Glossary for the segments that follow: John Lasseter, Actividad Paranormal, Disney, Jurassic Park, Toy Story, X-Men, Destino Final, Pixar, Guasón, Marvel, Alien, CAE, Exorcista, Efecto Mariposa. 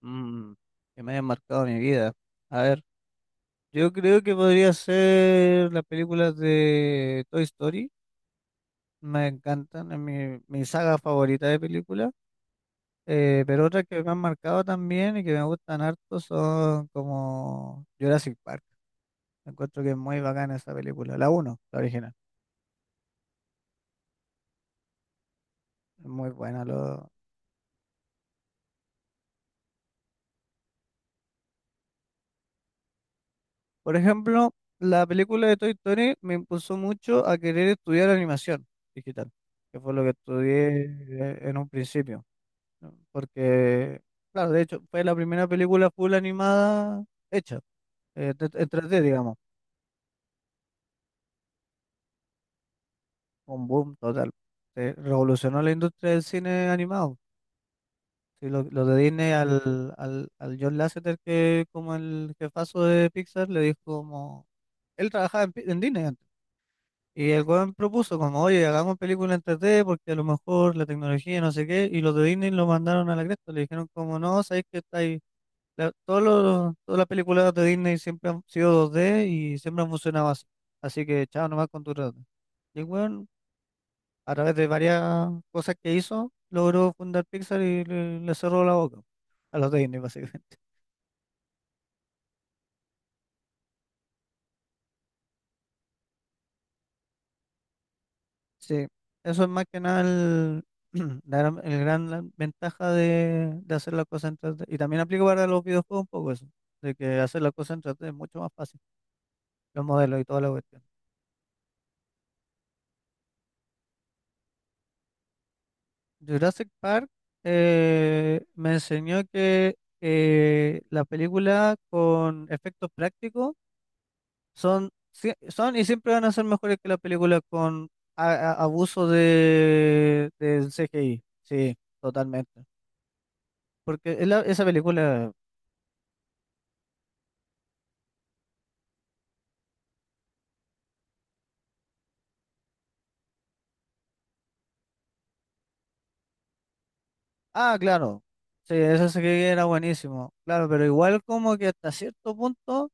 Mm, que me hayan marcado mi vida. A ver, yo creo que podría ser las películas de Toy Story. Me encantan, es mi saga favorita de películas. Pero otras que me han marcado también y que me gustan harto son como Jurassic Park. Encuentro que es muy bacana esa película. La uno, la original. Es muy buena. Por ejemplo, la película de Toy Story me impulsó mucho a querer estudiar animación digital, que fue lo que estudié en un principio. ¿No? Porque, claro, de hecho, fue la primera película full animada hecha, en 3D, digamos, un boom total. Se revolucionó la industria del cine animado. Sí, lo de Disney al John Lasseter, que como el jefazo de Pixar, le dijo como, él trabajaba en, en Disney antes. Y el weón propuso como, oye, hagamos película en 3D porque a lo mejor la tecnología no sé qué, y los de Disney lo mandaron a la cresta, le dijeron como, no, sabéis que está todos todas las películas de Disney siempre han sido 2D y siempre han funcionado así. Así que chao nomás con tu trato. Y el weón, a través de varias cosas que hizo, logró fundar Pixar y le cerró la boca a los de Disney, básicamente. Sí, eso es más que nada la gran, el gran ventaja de hacer las cosas en 3D. Y también aplica para los videojuegos un poco eso, de que hacer las cosas en 3D es mucho más fácil, los modelos y toda la cuestión. Jurassic Park me enseñó que las películas con efectos prácticos son, son y siempre van a ser mejores que las películas con abuso de, del CGI. Sí, totalmente. Porque es esa película, ah, claro, sí, ese CGI era buenísimo, claro, pero igual como que hasta cierto punto.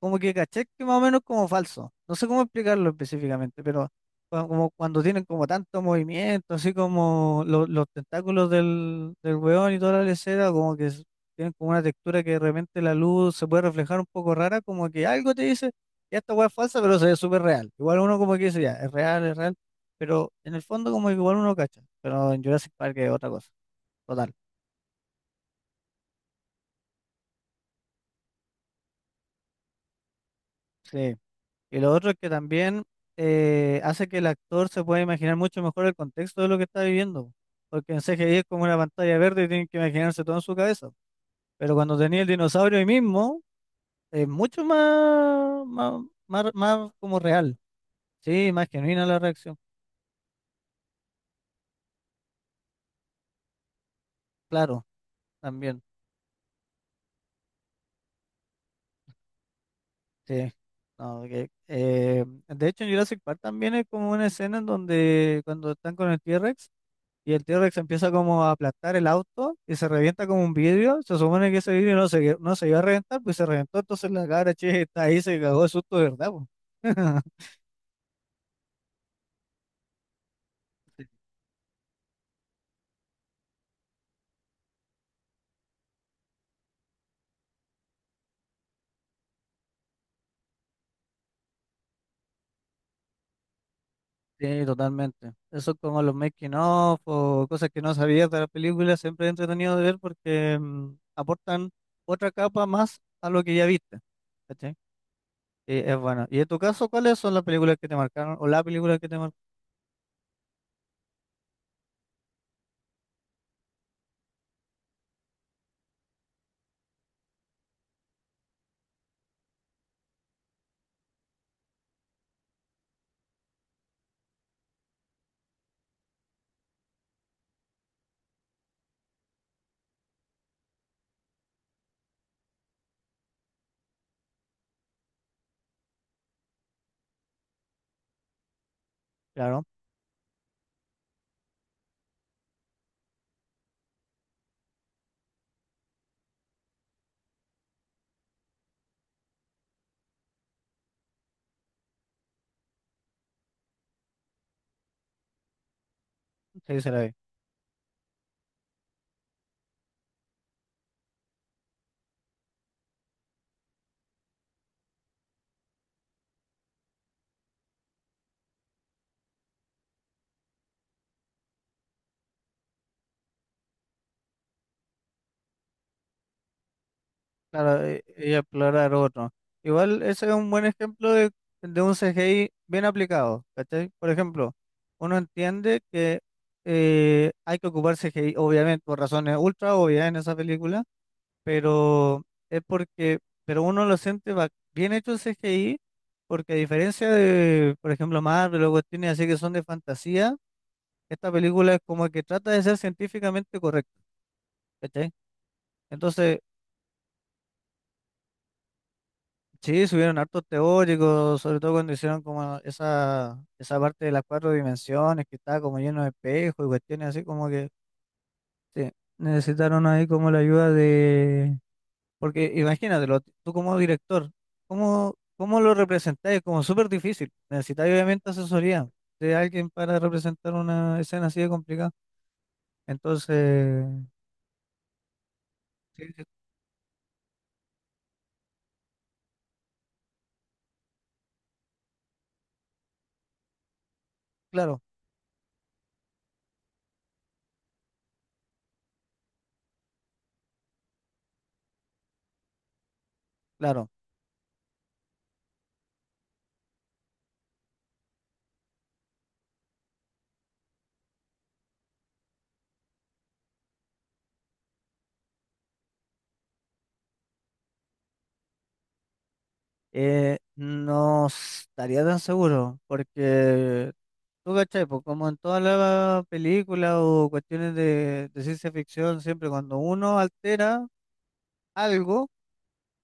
Como que caché que más o menos como falso. No sé cómo explicarlo específicamente, pero como cuando tienen como tanto movimiento, así como los tentáculos del weón y toda la lesera, como que tienen como una textura que de repente la luz se puede reflejar un poco rara, como que algo te dice, ya esta weá es falsa, pero se ve súper real. Igual uno como que dice, ya, es real, pero en el fondo como que igual uno cacha, pero en Jurassic Park es otra cosa, total. Sí. Y lo otro es que también hace que el actor se pueda imaginar mucho mejor el contexto de lo que está viviendo. Porque en CGI es como una pantalla verde y tienen que imaginarse todo en su cabeza. Pero cuando tenía el dinosaurio ahí mismo, es mucho más como real. Sí, más genuina la reacción. Claro, también. Sí. No, que, de hecho, en Jurassic Park también es como una escena en donde cuando están con el T-Rex, y el T-Rex empieza como a aplastar el auto y se revienta como un vidrio. Se supone que ese vidrio no se iba a reventar, pues se reventó. Entonces la cabra che está ahí, se cagó de susto, de verdad, po. Sí, totalmente. Eso es como los making of o cosas que no sabías de la película, siempre es entretenido de ver porque aportan otra capa más a lo que ya viste. ¿Cachai? Y es bueno. ¿Y en tu caso, cuáles son las películas que te marcaron o la película que te marcaron? Claro, sí, se la vi. Claro, y explorar otro. Igual ese es un buen ejemplo de un CGI bien aplicado, ¿cachai? Por ejemplo, uno entiende que hay que ocupar CGI, obviamente, por razones ultra obvias en esa película, pero es porque, pero uno lo siente bien hecho el CGI, porque a diferencia de, por ejemplo, Marvel o cuestiones así que son de fantasía, esta película es como que trata de ser científicamente correcta. ¿Cachai? Entonces, sí, subieron hartos teóricos, sobre todo cuando hicieron como esa parte de las cuatro dimensiones que estaba como lleno de espejos y cuestiones así como que sí, necesitaron ahí como la ayuda de. Porque imagínatelo, tú como director, ¿cómo lo representáis? Es como súper difícil. Necesitáis obviamente asesoría de alguien para representar una escena así de complicada. Entonces, sí, sí, claro, claro. No estaría tan seguro porque. ¿Tú cachai? Pues como en todas las películas o cuestiones de ciencia ficción, siempre cuando uno altera algo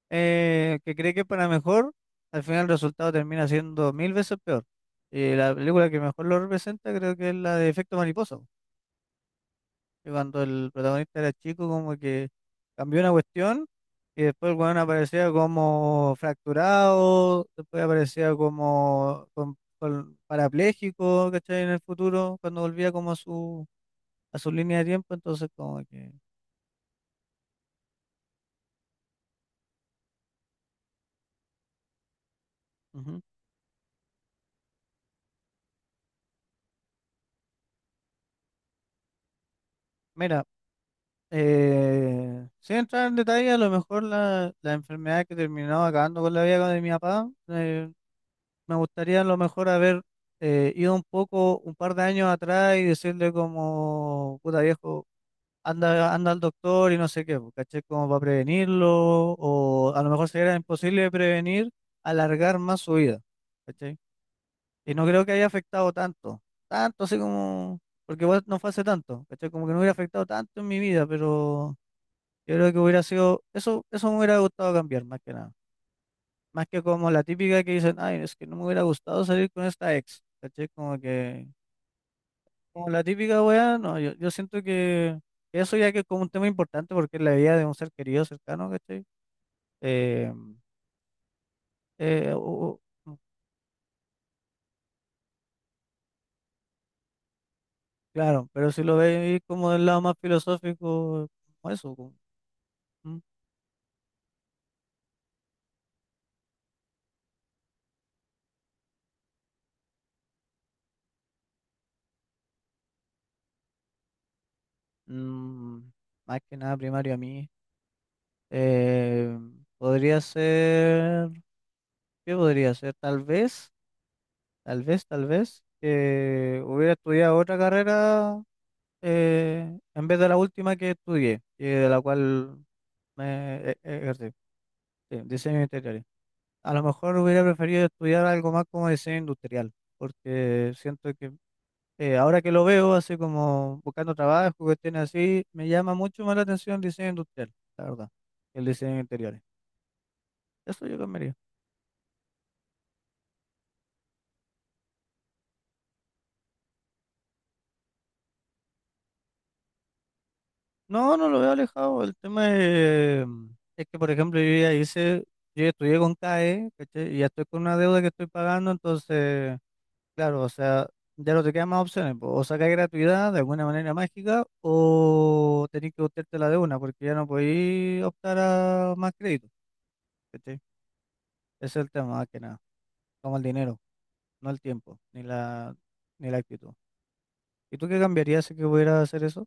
que cree que es para mejor, al final el resultado termina siendo mil veces peor. Y la película que mejor lo representa creo que es la de Efecto Mariposa, que cuando el protagonista era chico como que cambió una cuestión y después el weón aparecía como fracturado, después aparecía como con parapléjico, ¿cachai? En el futuro, cuando volvía como a su línea de tiempo, entonces como que, ujú. Mira, sin entrar en detalle, a lo mejor la enfermedad que terminó acabando con la vida de mi papá, me gustaría a lo mejor haber ido un poco, un par de años atrás y decirle como, puta viejo, anda, anda al doctor y no sé qué, po, ¿cachai? Como para prevenirlo, o a lo mejor si era imposible de prevenir, alargar más su vida, ¿cachai? Y no creo que haya afectado tanto, tanto así como, porque igual no fue hace tanto, ¿cachai? Como que no hubiera afectado tanto en mi vida, pero yo creo que hubiera sido, eso me hubiera gustado cambiar, más que nada. Más que como la típica que dicen, ay, es que no me hubiera gustado salir con esta ex, ¿cachai? Como que, como la típica weá, no, yo siento que eso ya que es como un tema importante porque es la vida de un ser querido cercano, ¿cachai? Eh, eh, u- u- claro, pero si lo veis como del lado más filosófico, como eso, como, ¿mm? Mm, más que nada primario a mí. Eh, podría ser, ¿qué podría ser? Tal vez, que hubiera estudiado otra carrera en vez de la última que estudié, y de la cual me ejercí, sí, diseño interior. A lo mejor hubiera preferido estudiar algo más como diseño industrial, porque siento que ahora que lo veo, así como buscando trabajo, cuestiones así, me llama mucho más la atención el diseño industrial, la verdad, que el diseño de interiores. Eso yo cambiaría. No, no lo veo alejado. El tema es que, por ejemplo, yo ya hice, yo ya estudié con CAE, ¿cachai? Y ya estoy con una deuda que estoy pagando, entonces, claro, o sea, ya no te quedan más opciones, po. O sacáis gratuidad de alguna manera mágica, o tenés que buscarte la de una, porque ya no podéis optar a más crédito, ¿cachai? Ese es el tema, más que nada, como el dinero. No el tiempo, ni la actitud. ¿Y tú qué cambiarías si que pudieras hacer eso?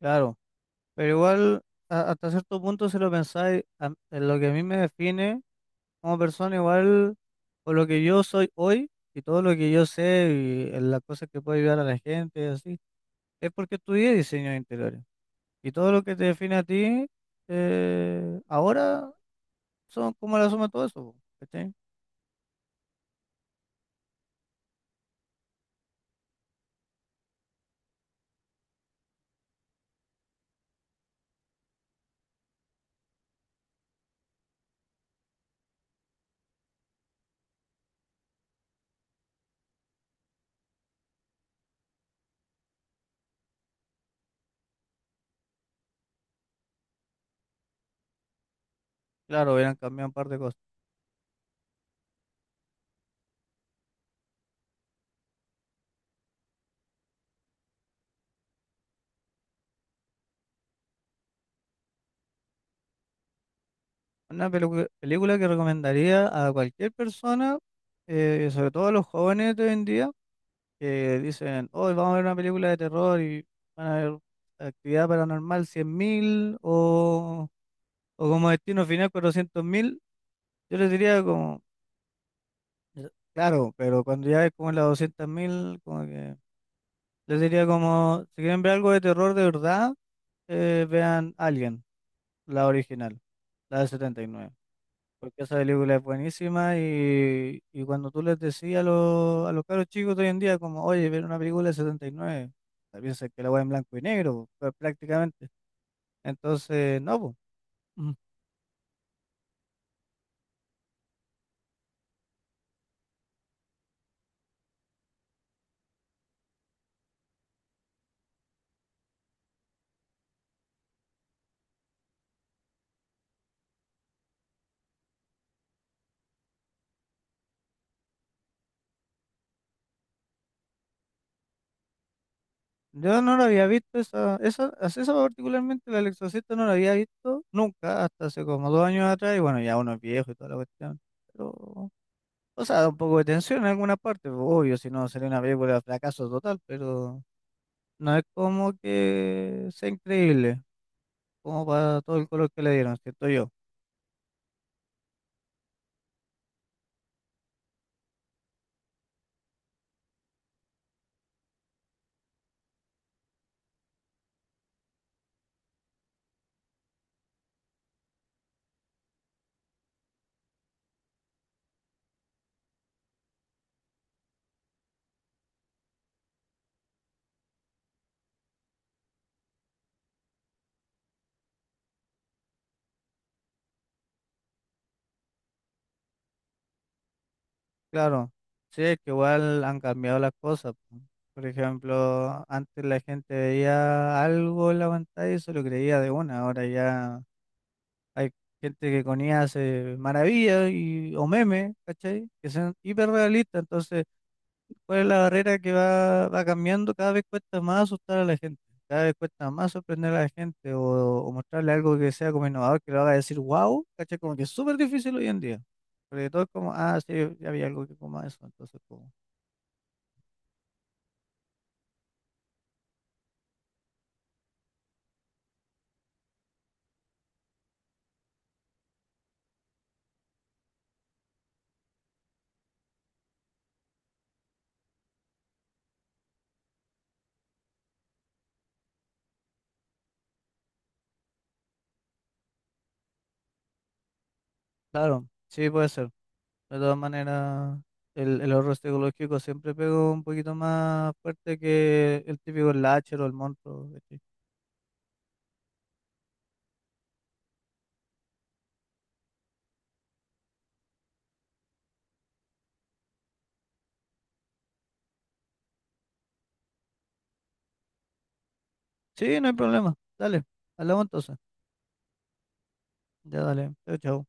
Claro, pero igual hasta cierto punto si lo pensáis, en lo que a mí me define como persona, igual por lo que yo soy hoy y todo lo que yo sé y en las cosas que puedo ayudar a la gente y así, es porque estudié diseño de interiores. Y todo lo que te define a ti ahora son como la suma de todo eso, po, ¿cachai? Claro, hubieran cambiado un par de cosas. Una película que recomendaría a cualquier persona, sobre todo a los jóvenes de hoy en día, que dicen, hoy vamos a ver una película de terror y van a ver Actividad Paranormal 100.000 o como Destino Final 400.000. Yo les diría como, claro, pero cuando ya es como en las 200.000, como que les diría como, si quieren ver algo de terror de verdad, vean Alien, la original, la de setenta y nueve. Porque esa película es buenísima y cuando tú les decías a los caros chicos de hoy en día, como, oye, ver una película de 79 se piensan que la voy en blanco y negro, po, prácticamente. Entonces, no, po. Ujú. Yo no la había visto, esa particularmente, la del Exorcista no la había visto nunca, hasta hace como 2 años atrás, y bueno, ya uno es viejo y toda la cuestión. Pero, o sea, da un poco de tensión en alguna parte, po, obvio, si no sería una película de fracaso total, pero no es como que sea increíble. Como para todo el color que le dieron, siento yo. Claro, sí, es que igual han cambiado las cosas, po. Por ejemplo, antes la gente veía algo en la pantalla y se lo creía de una, ahora ya hay gente que con IA hace maravillas y, o memes, ¿cachai? Que son hiperrealistas, entonces ¿cuál es la barrera que va cambiando? Cada vez cuesta más asustar a la gente, cada vez cuesta más sorprender a la gente o mostrarle algo que sea como innovador, que lo haga decir wow, ¿cachai? Como que es súper difícil hoy en día. Porque todo es como, ah, sí, ya había algo que como eso, entonces como, claro, sí puede ser. De todas maneras, el horror psicológico siempre pegó un poquito más fuerte que el típico slasher o el monstruo, ¿cachai? Sí, no hay problema, dale, hablamos entonces. Ya dale, chao, chao.